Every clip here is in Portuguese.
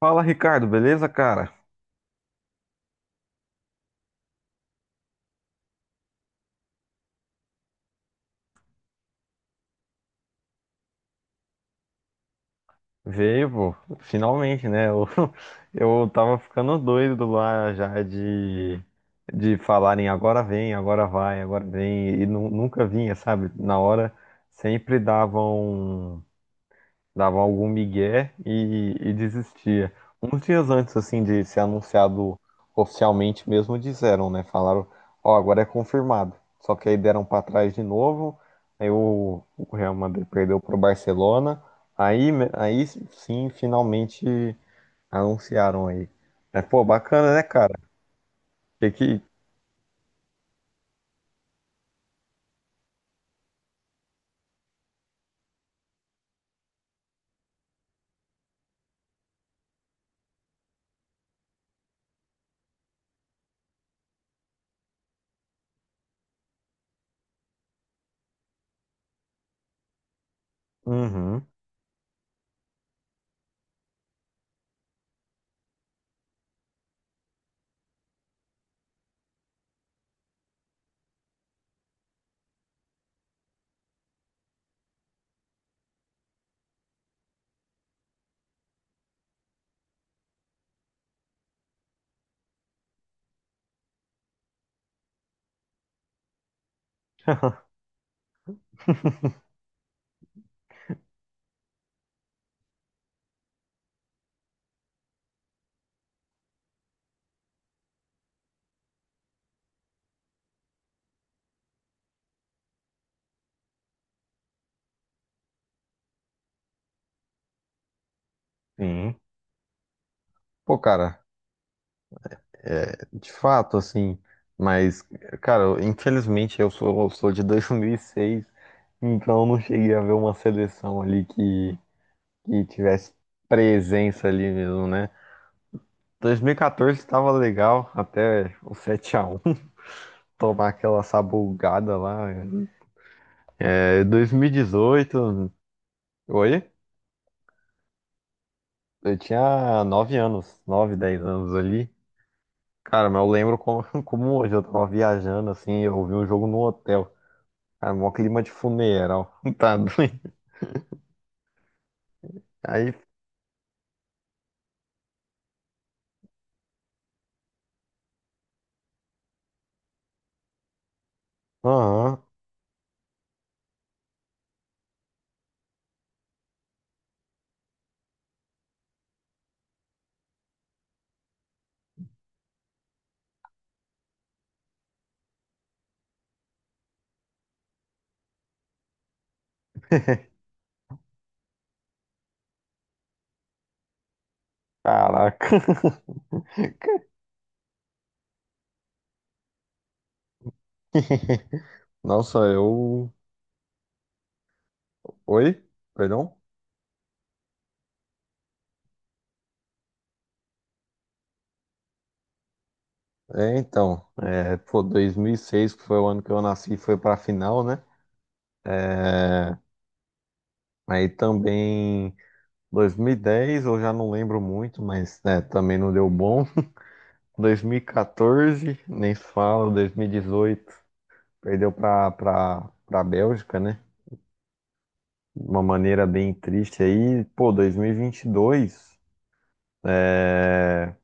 Fala, Ricardo, beleza, cara? Veio, pô, finalmente, né? Eu tava ficando doido lá já de falarem agora vem, agora vai, agora vem, e nunca vinha, sabe? Na hora sempre davam. Dava algum migué e desistia. Uns dias antes, assim, de ser anunciado oficialmente mesmo, disseram, né? Falaram, ó, agora é confirmado. Só que aí deram pra trás de novo, aí o Real Madrid perdeu pro Barcelona, aí, aí sim, finalmente anunciaram aí. Mas, pô, bacana, né, cara? Que... Uhum. Sim. Pô, cara, é, de fato, assim, mas, cara, infelizmente eu sou de 2006, então eu não cheguei a ver uma seleção ali que tivesse presença ali mesmo, né? 2014 estava legal, até o 7 a 1 tomar aquela sabugada lá. É, 2018, oi? Eu tinha 9 anos, 9 10 anos ali. Cara, mas eu lembro como, como hoje eu tava viajando, assim, eu vi um jogo no hotel. Cara, mó clima de funeral. Tá doido. Aí, aham. Caraca. Nossa, eu. Oi? Perdão? É, então, é, pô, 2006, que foi o ano que eu nasci, foi pra final, né? É, aí também, 2010, eu já não lembro muito, mas né, também não deu bom. 2014, nem se fala, 2018, perdeu pra Bélgica, né? De uma maneira bem triste aí, pô, 2022, é...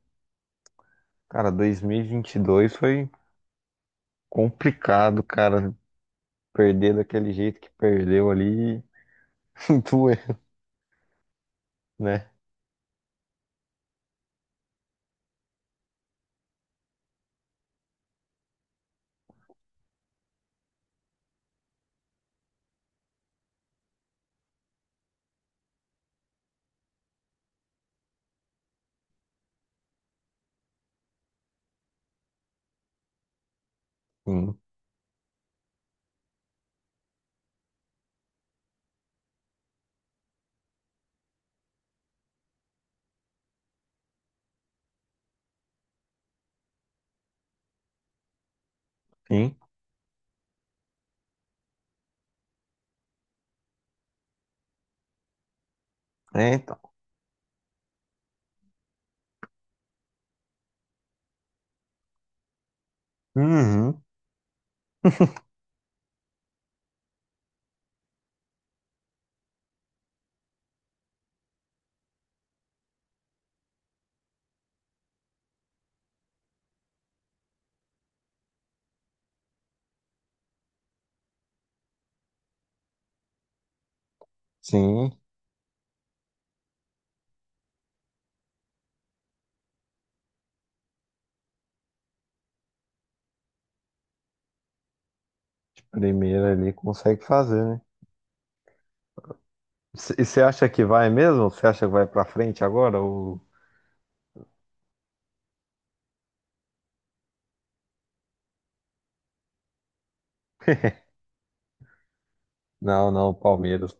Cara, 2022 foi complicado, cara, perder daquele jeito que perdeu ali, doeu, né? Enfim, é, então, uhum, sim, primeiro ali consegue fazer, né? E você acha que vai mesmo? Você acha que vai pra frente agora? Ou... Não, não, Palmeiras.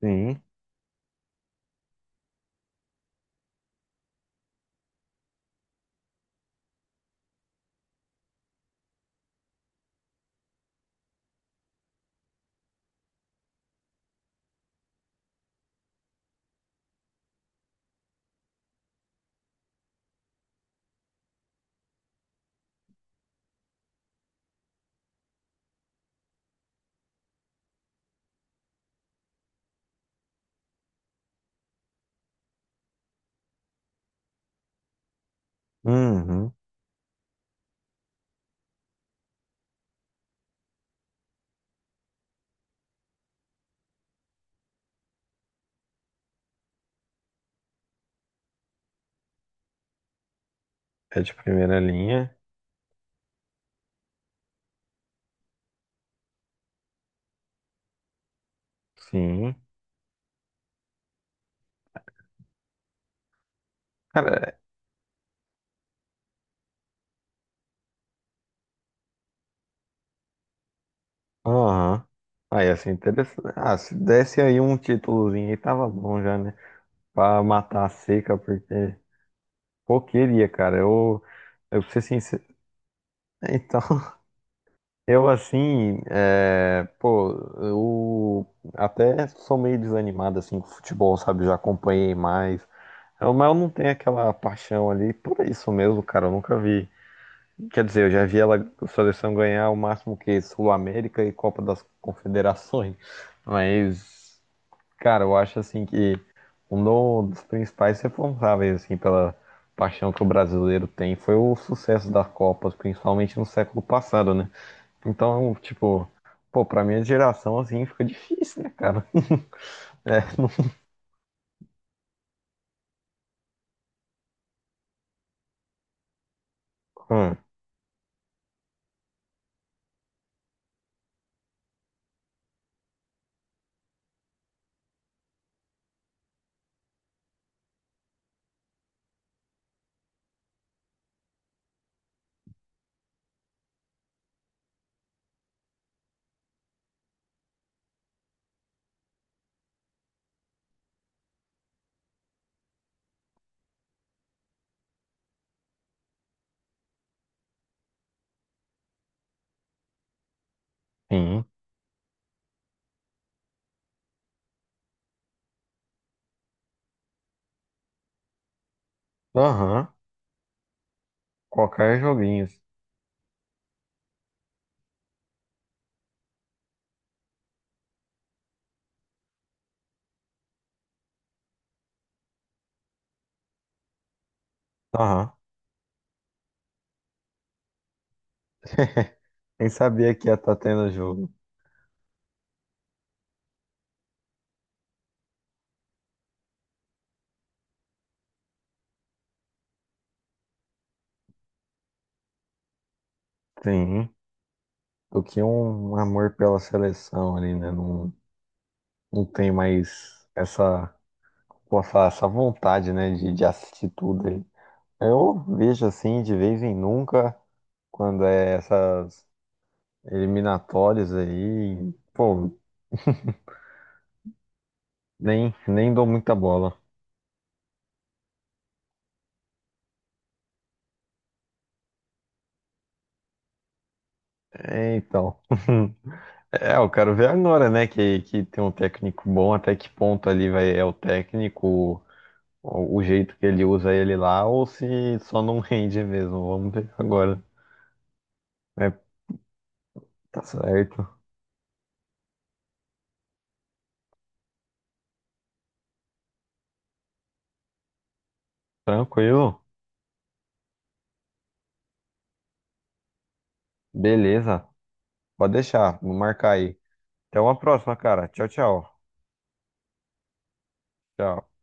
Sim. Uhum. É de primeira linha. Sim. Cara, aham. Aí, assim, interessante. Ah, se desse aí um títulozinho aí, tava bom já, né? Pra matar a seca, porque pô, queria, cara. Eu pra ser sincero. Então, eu assim, é, pô, eu até sou meio desanimado assim com futebol, sabe? Já acompanhei mais. Mas eu não tenho aquela paixão ali por isso mesmo, cara. Eu nunca vi. Quer dizer, eu já vi ela, a seleção ganhar o máximo que Sul-América e Copa das Confederações. Mas. Cara, eu acho assim que um dos principais responsáveis assim pela paixão que o brasileiro tem foi o sucesso das Copas, principalmente no século passado, né? Então, tipo, pô, pra minha geração assim fica difícil, né, cara? É. Hum, sim. Aham. Qualquer joguinho. Aham. Nem sabia que ia estar tendo jogo. Sim. Do que um amor pela seleção ali, né? Não, não tem mais essa, posso falar, essa vontade, né, de assistir tudo aí. Eu vejo assim de vez em nunca, quando é essas eliminatórias aí, pô, nem dou muita bola. É, então. É, eu quero ver agora, né? Que tem um técnico bom, até que ponto ali vai, é o técnico, o jeito que ele usa ele lá, ou se só não rende mesmo. Vamos ver agora. É, tá certo. Tranquilo? Beleza. Pode deixar, vou marcar aí. Até uma próxima, cara. Tchau, tchau. Tchau.